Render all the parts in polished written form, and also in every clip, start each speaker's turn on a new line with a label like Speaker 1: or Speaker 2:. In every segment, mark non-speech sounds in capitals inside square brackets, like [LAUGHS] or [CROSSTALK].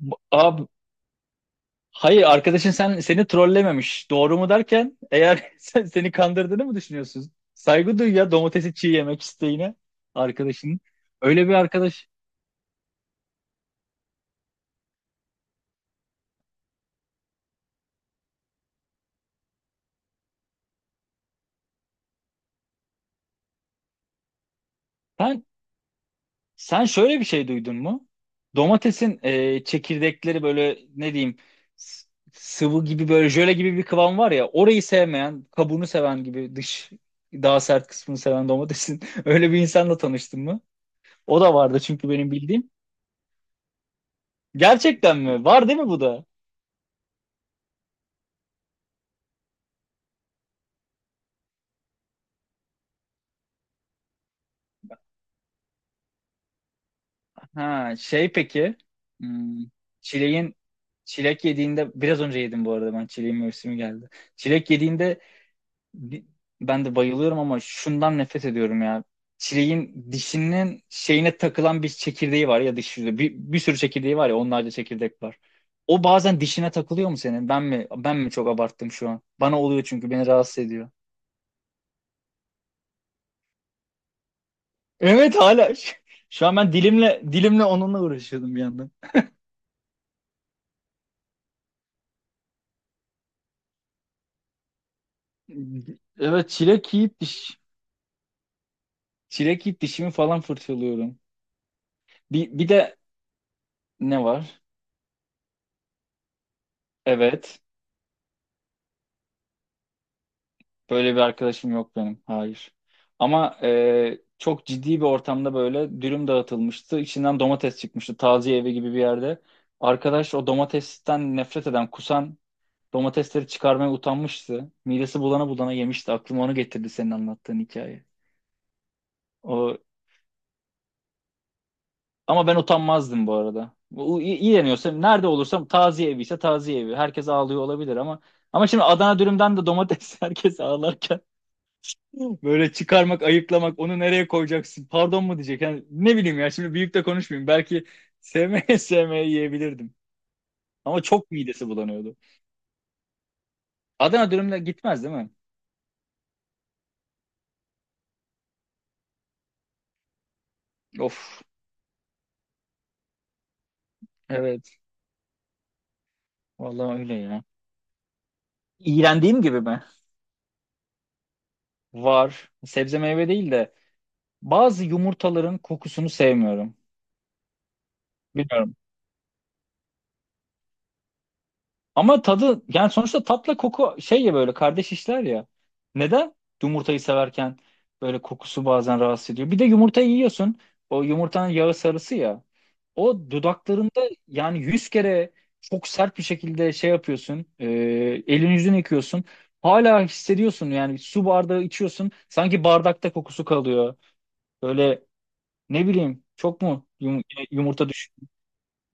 Speaker 1: Abi, hayır, arkadaşın seni trollememiş. Doğru mu derken, eğer [LAUGHS] seni kandırdığını mı düşünüyorsun? Saygı duy ya, domatesi çiğ yemek isteğine arkadaşının. Öyle bir arkadaş. Sen sen şöyle bir şey duydun mu? Domatesin, çekirdekleri, böyle ne diyeyim, s- sıvı gibi, böyle jöle gibi bir kıvam var ya, orayı sevmeyen, kabuğunu seven gibi dış daha sert kısmını seven domatesin [LAUGHS] öyle bir insanla tanıştın mı? O da vardı çünkü benim bildiğim. Gerçekten mi? Var değil mi bu da? Ha, şey, peki. hmm, çileğin Çilek yediğinde, biraz önce yedim bu arada, ben çileğin mevsimi geldi. Çilek yediğinde, bi- ben de bayılıyorum, ama şundan nefret ediyorum ya. Çileğin dişinin şeyine takılan bir çekirdeği var ya, diş yüzü. Bir sürü çekirdeği var ya, onlarca çekirdek var. O bazen dişine takılıyor mu senin? Ben mi çok abarttım şu an? Bana oluyor çünkü beni rahatsız ediyor. Evet, hala. [LAUGHS] Şu an ben dilimle dilimle onunla uğraşıyordum bir yandan. Evet, çilek yiyip diş. Çilek yiyip dişimi falan fırçalıyorum. Bir de ne var? Evet. Böyle bir arkadaşım yok benim. Hayır. Ama çok ciddi bir ortamda böyle dürüm dağıtılmıştı. İçinden domates çıkmıştı. Taziye evi gibi bir yerde. Arkadaş o domatesten nefret eden, kusan, domatesleri çıkarmaya utanmıştı. Midesi bulana bulana yemişti. Aklıma onu getirdi senin anlattığın hikaye. O. Ama ben utanmazdım bu arada. İğreniyorsam, nerede olursam, taziye evi ise taziye evi. Herkes ağlıyor olabilir ama, şimdi Adana dürümden de domates, [LAUGHS] herkes ağlarken böyle çıkarmak, ayıklamak, onu nereye koyacaksın? Pardon mu diyecek? Yani ne bileyim ya, şimdi büyük de konuşmayayım. Belki sevmeye [LAUGHS] sevmeye yiyebilirdim. Ama çok midesi bulanıyordu. Adana dürümle gitmez değil mi? Of. Evet. Vallahi öyle ya. İğrendiğim gibi mi? Var. Sebze meyve değil de bazı yumurtaların kokusunu sevmiyorum. Bilmiyorum. Ama tadı, yani sonuçta tatla koku şey ya, böyle kardeş işler ya. Neden? Yumurtayı severken böyle kokusu bazen rahatsız ediyor. Bir de yumurtayı yiyorsun. O yumurtanın yağı sarısı ya. O dudaklarında, yani 100 kere çok sert bir şekilde şey yapıyorsun. Elin yüzünü yıkıyorsun. Hala hissediyorsun, yani su bardağı içiyorsun. Sanki bardakta kokusu kalıyor. Böyle, ne bileyim, çok mu yumurta düş.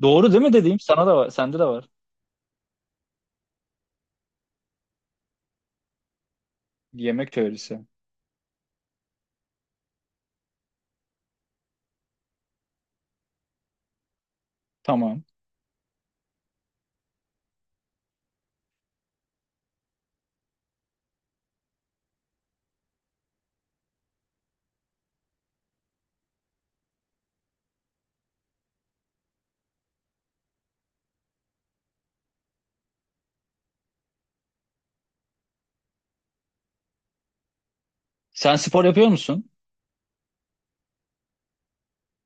Speaker 1: Doğru değil mi dediğim? Sana da var, sende de var. Yemek teorisi. Tamam. Sen spor yapıyor musun?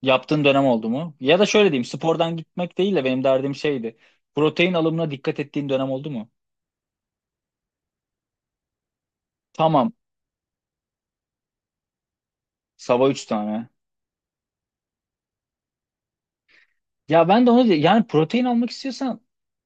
Speaker 1: Yaptığın dönem oldu mu? Ya da şöyle diyeyim, spordan gitmek değil de benim derdim şeydi. Protein alımına dikkat ettiğin dönem oldu mu? Tamam, sabah 3 tane. Ya ben de onu, yani protein almak istiyorsan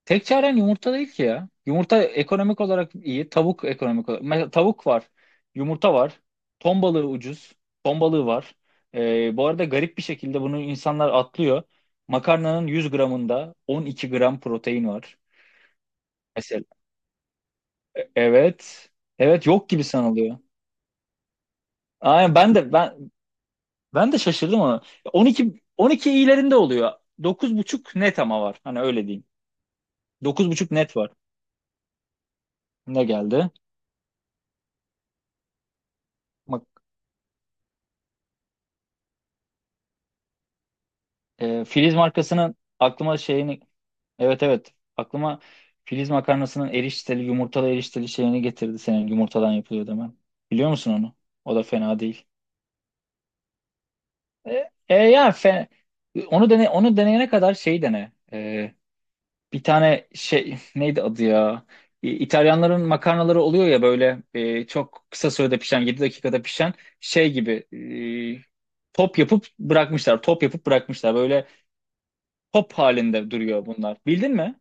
Speaker 1: tek çaren yumurta değil ki ya. Yumurta ekonomik olarak iyi, tavuk ekonomik olarak. Mesela tavuk var, yumurta var, ton balığı ucuz, ton balığı var. Bu arada garip bir şekilde bunu insanlar atlıyor. Makarnanın 100 gramında 12 gram protein var. Evet. Evet, yok gibi sanılıyor. Aynen, ben de şaşırdım ona. 12 12 iyilerinde oluyor. 9,5 net ama var. Hani, öyle diyeyim. 9,5 net var. Ne geldi? Bak, Filiz markasının aklıma şeyini, evet evet, aklıma Filiz makarnasının erişteli yumurtalı erişteli şeyini getirdi senin yumurtadan yapılıyor demen. Biliyor musun onu? O da fena değil. Ya, onu dene, onu deneyene kadar şey dene. Bir tane şey neydi adı ya? İtalyanların makarnaları oluyor ya, böyle çok kısa sürede pişen, 7 dakikada pişen şey gibi, top yapıp bırakmışlar. Top yapıp bırakmışlar. Böyle top halinde duruyor bunlar. Bildin mi?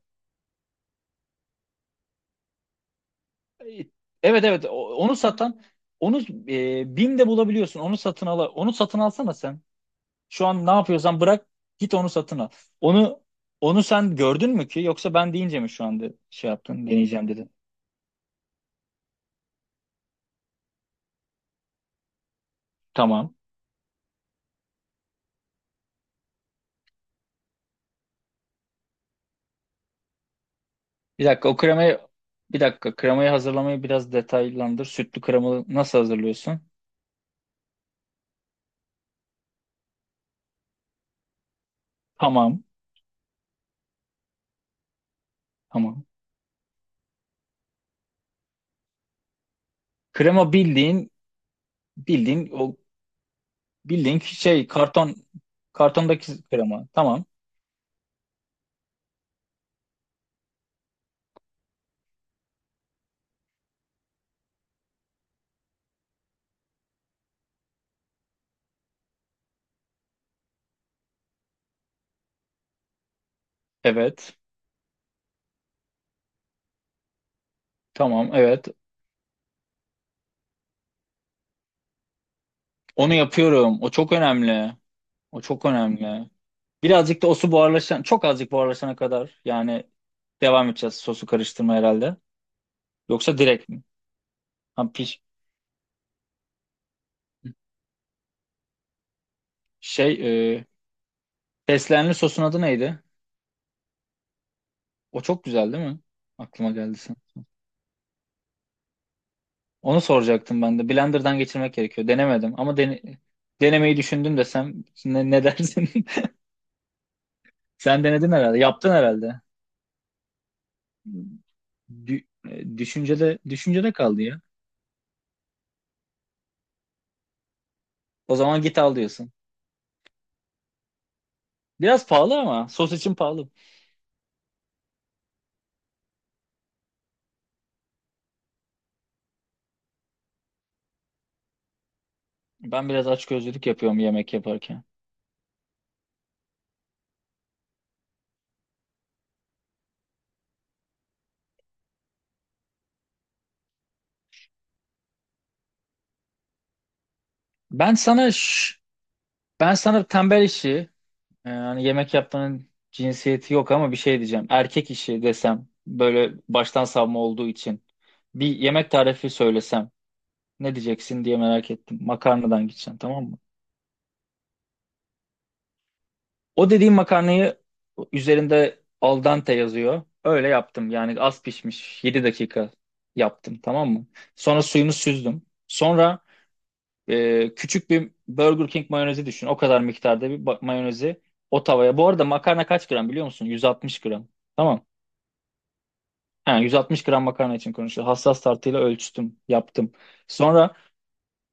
Speaker 1: E, Evet evet. Onu satan, onu BİM'de bulabiliyorsun. Onu satın al. Onu satın alsana sen. Şu an ne yapıyorsan bırak, git onu satın al. Onu onu sen gördün mü ki, yoksa ben deyince mi şu anda şey yaptın, deneyeceğim dedin. Tamam. Bir dakika o kremayı Bir dakika, kremayı hazırlamayı biraz detaylandır. Sütlü kremalı nasıl hazırlıyorsun? Tamam, tamam. Krema, bildiğin o, bildiğin şey, kartondaki krema. Tamam. Evet. Tamam, evet. Onu yapıyorum. O çok önemli. O çok önemli. Birazcık da o su çok azıcık buharlaşana kadar, yani devam edeceğiz sosu karıştırma herhalde. Yoksa direkt mi? Ha, şey, fesleğenli sosun adı neydi? O çok güzel değil mi? Aklıma geldi sen. Onu soracaktım ben de. Blender'dan geçirmek gerekiyor. Denemedim ama denemeyi düşündüm desem, ne dersin? [LAUGHS] Sen denedin herhalde. Yaptın herhalde. Düşüncede kaldı ya. O zaman git al diyorsun. Biraz pahalı ama sos için pahalı. Ben biraz açgözlülük yapıyorum yemek yaparken. Ben sana ş- Ben sana tembel işi. Hani, yemek yaptığının cinsiyeti yok ama bir şey diyeceğim. Erkek işi desem böyle baştan savma olduğu için, bir yemek tarifi söylesem ne diyeceksin diye merak ettim. Makarnadan gideceksin, tamam mı? O dediğim makarnayı üzerinde al dente yazıyor. Öyle yaptım, yani az pişmiş, 7 dakika yaptım, tamam mı? Sonra suyunu süzdüm. Sonra, küçük bir Burger King mayonezi düşün. O kadar miktarda bir mayonezi, o tavaya. Bu arada makarna kaç gram biliyor musun? 160 gram. Tamam. Ha, 160 gram makarna için konuşuyor. Hassas tartıyla ölçtüm, yaptım. Sonra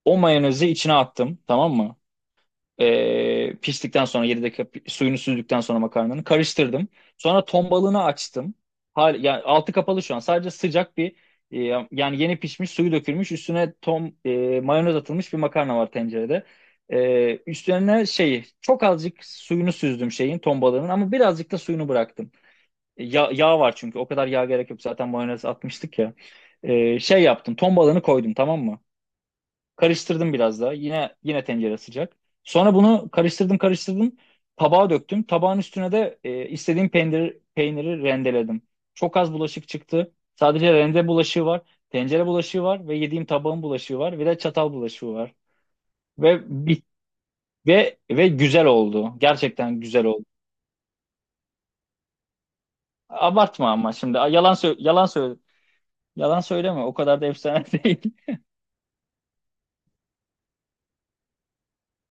Speaker 1: o mayonezi içine attım, tamam mı? Piştikten sonra, 7 dakika suyunu süzdükten sonra, makarnanı karıştırdım. Sonra ton balığını açtım. Yani altı kapalı şu an. Sadece sıcak bir, e, yani yeni pişmiş, suyu dökülmüş, üstüne mayonez atılmış bir makarna var tencerede. Üstlerine şeyi, çok azıcık suyunu süzdüm şeyin, ton balığının, ama birazcık da suyunu bıraktım. Ya, yağ var çünkü. O kadar yağ gerek yok. Zaten mayonez atmıştık ya. Şey yaptım. Ton balığını koydum, tamam mı? Karıştırdım biraz daha. Yine tencere sıcak. Sonra bunu karıştırdım karıştırdım. Tabağa döktüm. Tabağın üstüne de istediğim peynir, peyniri rendeledim. Çok az bulaşık çıktı. Sadece rende bulaşığı var. Tencere bulaşığı var ve yediğim tabağın bulaşığı var. Bir de çatal bulaşığı var. Ve bit ve ve güzel oldu. Gerçekten güzel oldu. Abartma ama şimdi yalan söyleme. O kadar da efsane [LAUGHS] değil.